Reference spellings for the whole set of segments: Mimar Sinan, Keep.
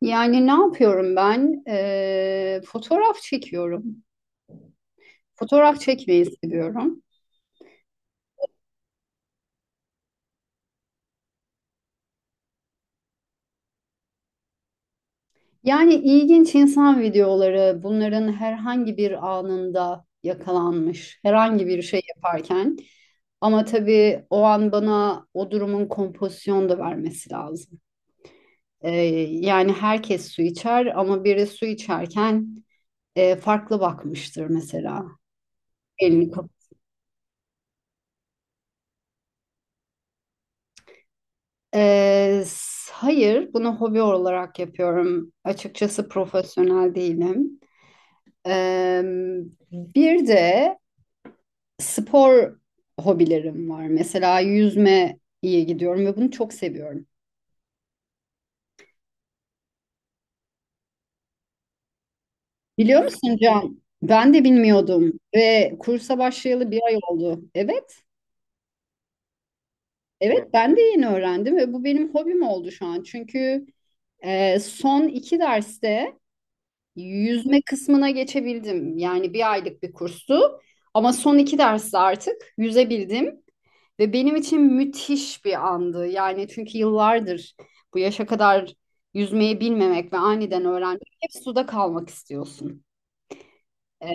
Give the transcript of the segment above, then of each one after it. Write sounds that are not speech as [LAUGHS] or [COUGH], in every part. Yani ne yapıyorum ben? Fotoğraf çekiyorum. Fotoğraf çekmeyi seviyorum. Yani ilginç insan videoları bunların herhangi bir anında yakalanmış, herhangi bir şey yaparken. Ama tabii o an bana o durumun kompozisyonu da vermesi lazım. Ee, Yani herkes su içer ama biri su içerken farklı bakmıştır mesela. Elini hayır, bunu hobi olarak yapıyorum. Açıkçası profesyonel değilim. Ee, bir de spor hobilerim var. Mesela yüzme iyi gidiyorum ve bunu çok seviyorum. Biliyor musun Can? Ben de bilmiyordum ve kursa başlayalı bir ay oldu. Evet, evet, ben de yeni öğrendim ve bu benim hobim oldu şu an. Çünkü son iki derste yüzme kısmına geçebildim. Yani bir aylık bir kurstu. Ama son iki derste artık yüzebildim. Ve benim için müthiş bir andı. Yani çünkü yıllardır bu yaşa kadar yüzmeyi bilmemek ve aniden öğrenmek hep suda kalmak istiyorsun. E,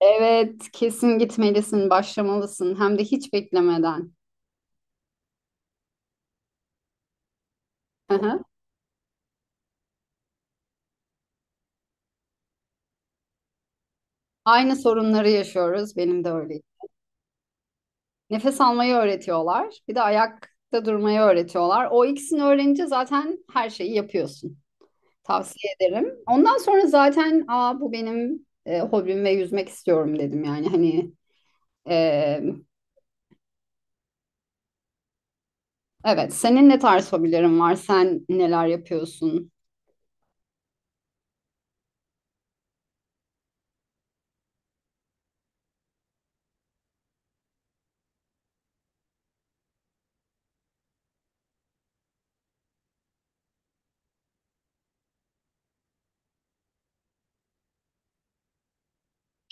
Evet, kesin gitmelisin, başlamalısın. Hem de hiç beklemeden. Hı hı. Aynı sorunları yaşıyoruz. Benim de öyle. Nefes almayı öğretiyorlar. Bir de ayakta durmayı öğretiyorlar. O ikisini öğrenince zaten her şeyi yapıyorsun. Tavsiye ederim. Ondan sonra zaten aa, bu benim hobim ve yüzmek istiyorum dedim yani hani. e, evet, senin ne tarz hobilerin var, sen neler yapıyorsun?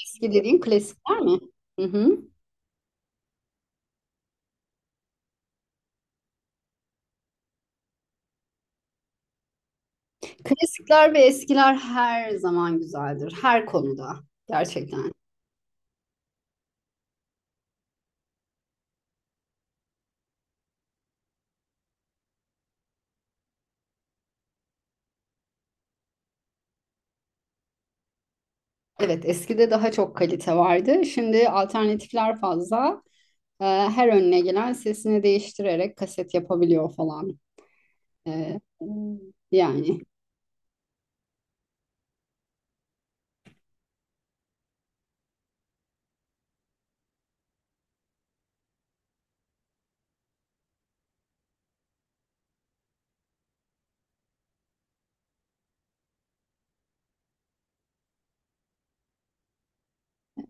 Eski dediğin klasikler mi? Hı hı. Klasikler ve eskiler her zaman güzeldir her konuda gerçekten. Evet, eskide daha çok kalite vardı. Şimdi alternatifler fazla. Her önüne gelen sesini değiştirerek kaset yapabiliyor falan. Ee, yani.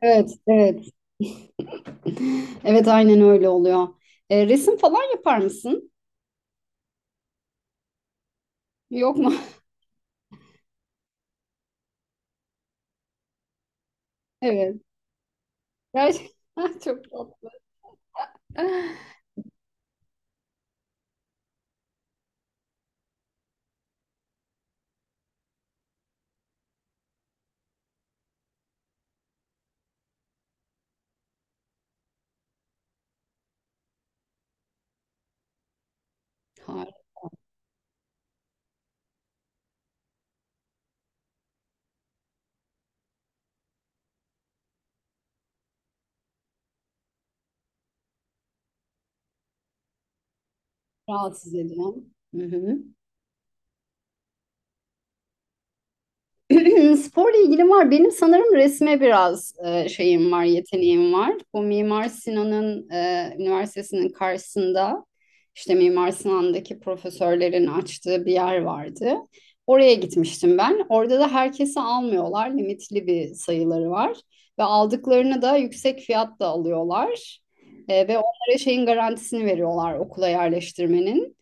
Evet, evet. [LAUGHS] Evet, aynen öyle oluyor. Resim falan yapar mısın? Yok mu? [LAUGHS] Evet. Gerçekten [LAUGHS] çok tatlı. Harika, rahatsız ediyorum. Hı hı. [CLEARS THROAT] Sporla ilgili var. Benim sanırım resme biraz şeyim var, yeteneğim var. Bu Mimar Sinan'ın üniversitesinin karşısında işte Mimar Sinan'daki profesörlerin açtığı bir yer vardı. Oraya gitmiştim ben. Orada da herkesi almıyorlar. Limitli bir sayıları var. Ve aldıklarını da yüksek fiyatla alıyorlar. Ve onlara şeyin garantisini veriyorlar, okula yerleştirmenin.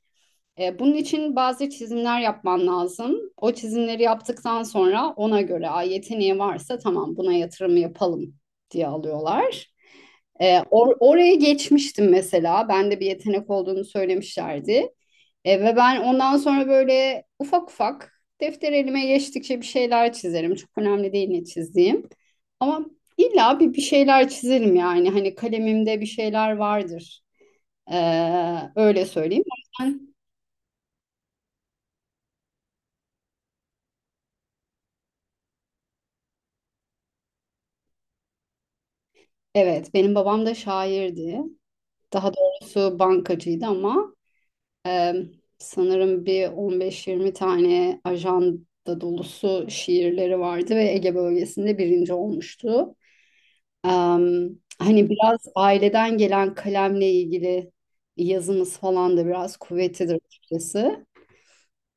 Bunun için bazı çizimler yapman lazım. O çizimleri yaptıktan sonra ona göre, "Aa, yeteneği varsa tamam, buna yatırım yapalım" diye alıyorlar. Oraya geçmiştim mesela. Bende bir yetenek olduğunu söylemişlerdi. Ve ben ondan sonra böyle ufak ufak, defter elime geçtikçe bir şeyler çizerim. Çok önemli değil ne çizdiğim. Ama illa bir şeyler çizerim yani. Hani kalemimde bir şeyler vardır. Öyle söyleyeyim. Evet, benim babam da şairdi. Daha doğrusu bankacıydı ama e, sanırım bir 15-20 tane ajanda dolusu şiirleri vardı ve Ege bölgesinde birinci olmuştu. Em, hani biraz aileden gelen kalemle ilgili yazımız falan da biraz kuvvetlidir açıkçası.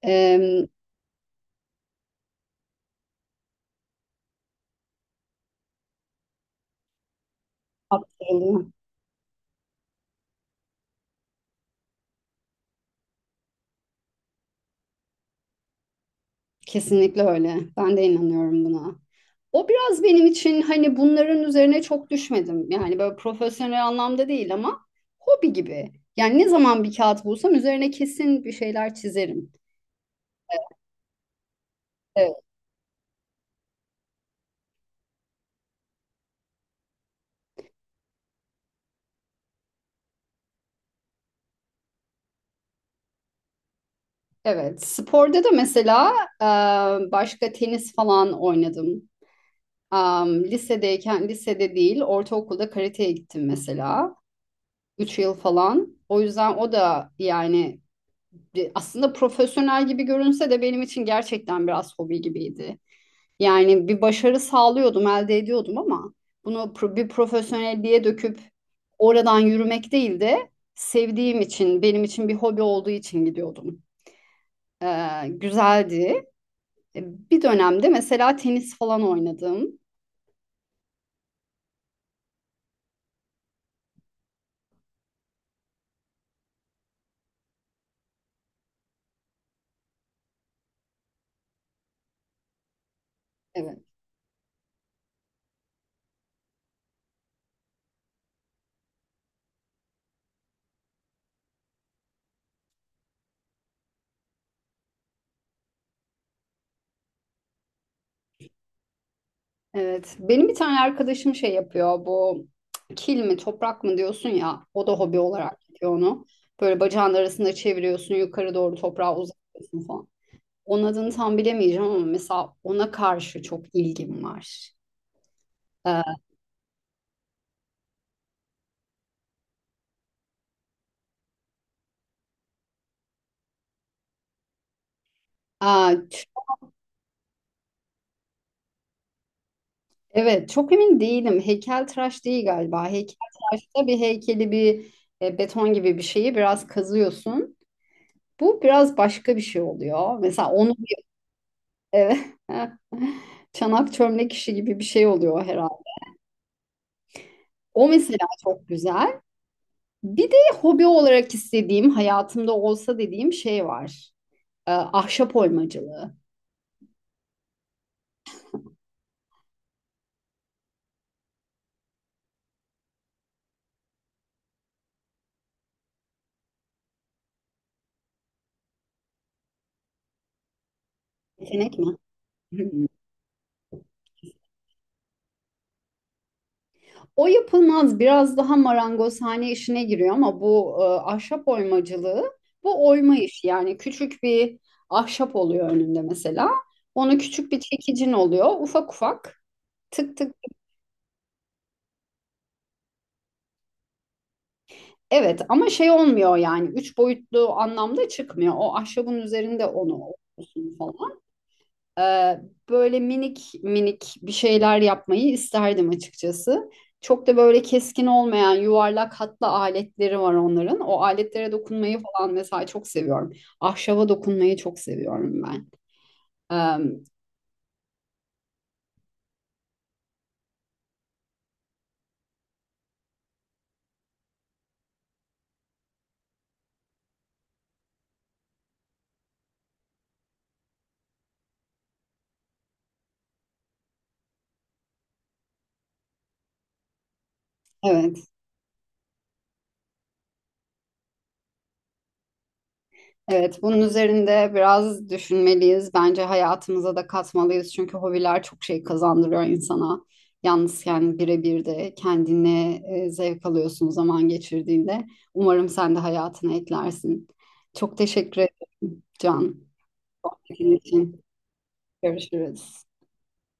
Em, aktarılıyor. Kesinlikle öyle. Ben de inanıyorum buna. O biraz benim için, hani bunların üzerine çok düşmedim. Yani böyle profesyonel anlamda değil ama hobi gibi. Yani ne zaman bir kağıt bulsam üzerine kesin bir şeyler çizerim. Evet, evet. Sporda da mesela başka tenis falan oynadım. Am, lisedeyken lisede değil, ortaokulda karateye gittim mesela. 3 yıl falan. O yüzden o da yani aslında profesyonel gibi görünse de benim için gerçekten biraz hobi gibiydi. Yani bir başarı sağlıyordum, elde ediyordum, ama bunu bir profesyonelliğe döküp oradan yürümek değil de, sevdiğim için, benim için bir hobi olduğu için gidiyordum. Güzeldi. E, Bir dönemde mesela tenis falan oynadım. Evet. Evet. Benim bir tane arkadaşım şey yapıyor. Bu kil mi toprak mı diyorsun ya. O da hobi olarak yapıyor onu. Böyle bacağın arasında çeviriyorsun, yukarı doğru toprağa uzatıyorsun falan. Onun adını tam bilemeyeceğim ama mesela ona karşı çok ilgim var. Ee, aa, ç- evet, çok emin değilim. Heykeltıraş değil galiba. Heykeltıraşta bir heykeli, bir beton gibi bir şeyi biraz kazıyorsun. Bu biraz başka bir şey oluyor. Mesela onu Evet. [LAUGHS] Çanak çömlek işi gibi bir şey oluyor herhalde. O mesela çok güzel. Bir de hobi olarak istediğim, hayatımda olsa dediğim şey var. Ahşap oymacılığı. Yetenek mi? [LAUGHS] O yapılmaz, biraz daha marangozhane işine giriyor, ama bu ahşap oymacılığı, bu oyma işi, yani küçük bir ahşap oluyor önünde mesela. Onu küçük bir çekicin oluyor, ufak ufak, tık tık. Evet, ama şey olmuyor yani üç boyutlu anlamda çıkmıyor. O ahşabın üzerinde onu oyuyorsun falan. Ee, böyle minik minik bir şeyler yapmayı isterdim açıkçası. Çok da böyle keskin olmayan, yuvarlak hatlı aletleri var onların. O aletlere dokunmayı falan mesela çok seviyorum. Ahşaba dokunmayı çok seviyorum ben. Ee, evet. Evet, bunun üzerinde biraz düşünmeliyiz. Bence hayatımıza da katmalıyız. Çünkü hobiler çok şey kazandırıyor insana. Yalnızken birebir de kendine zevk alıyorsun zaman geçirdiğinde. Umarım sen de hayatına eklersin. Çok teşekkür ederim Can. Senin için. Görüşürüz.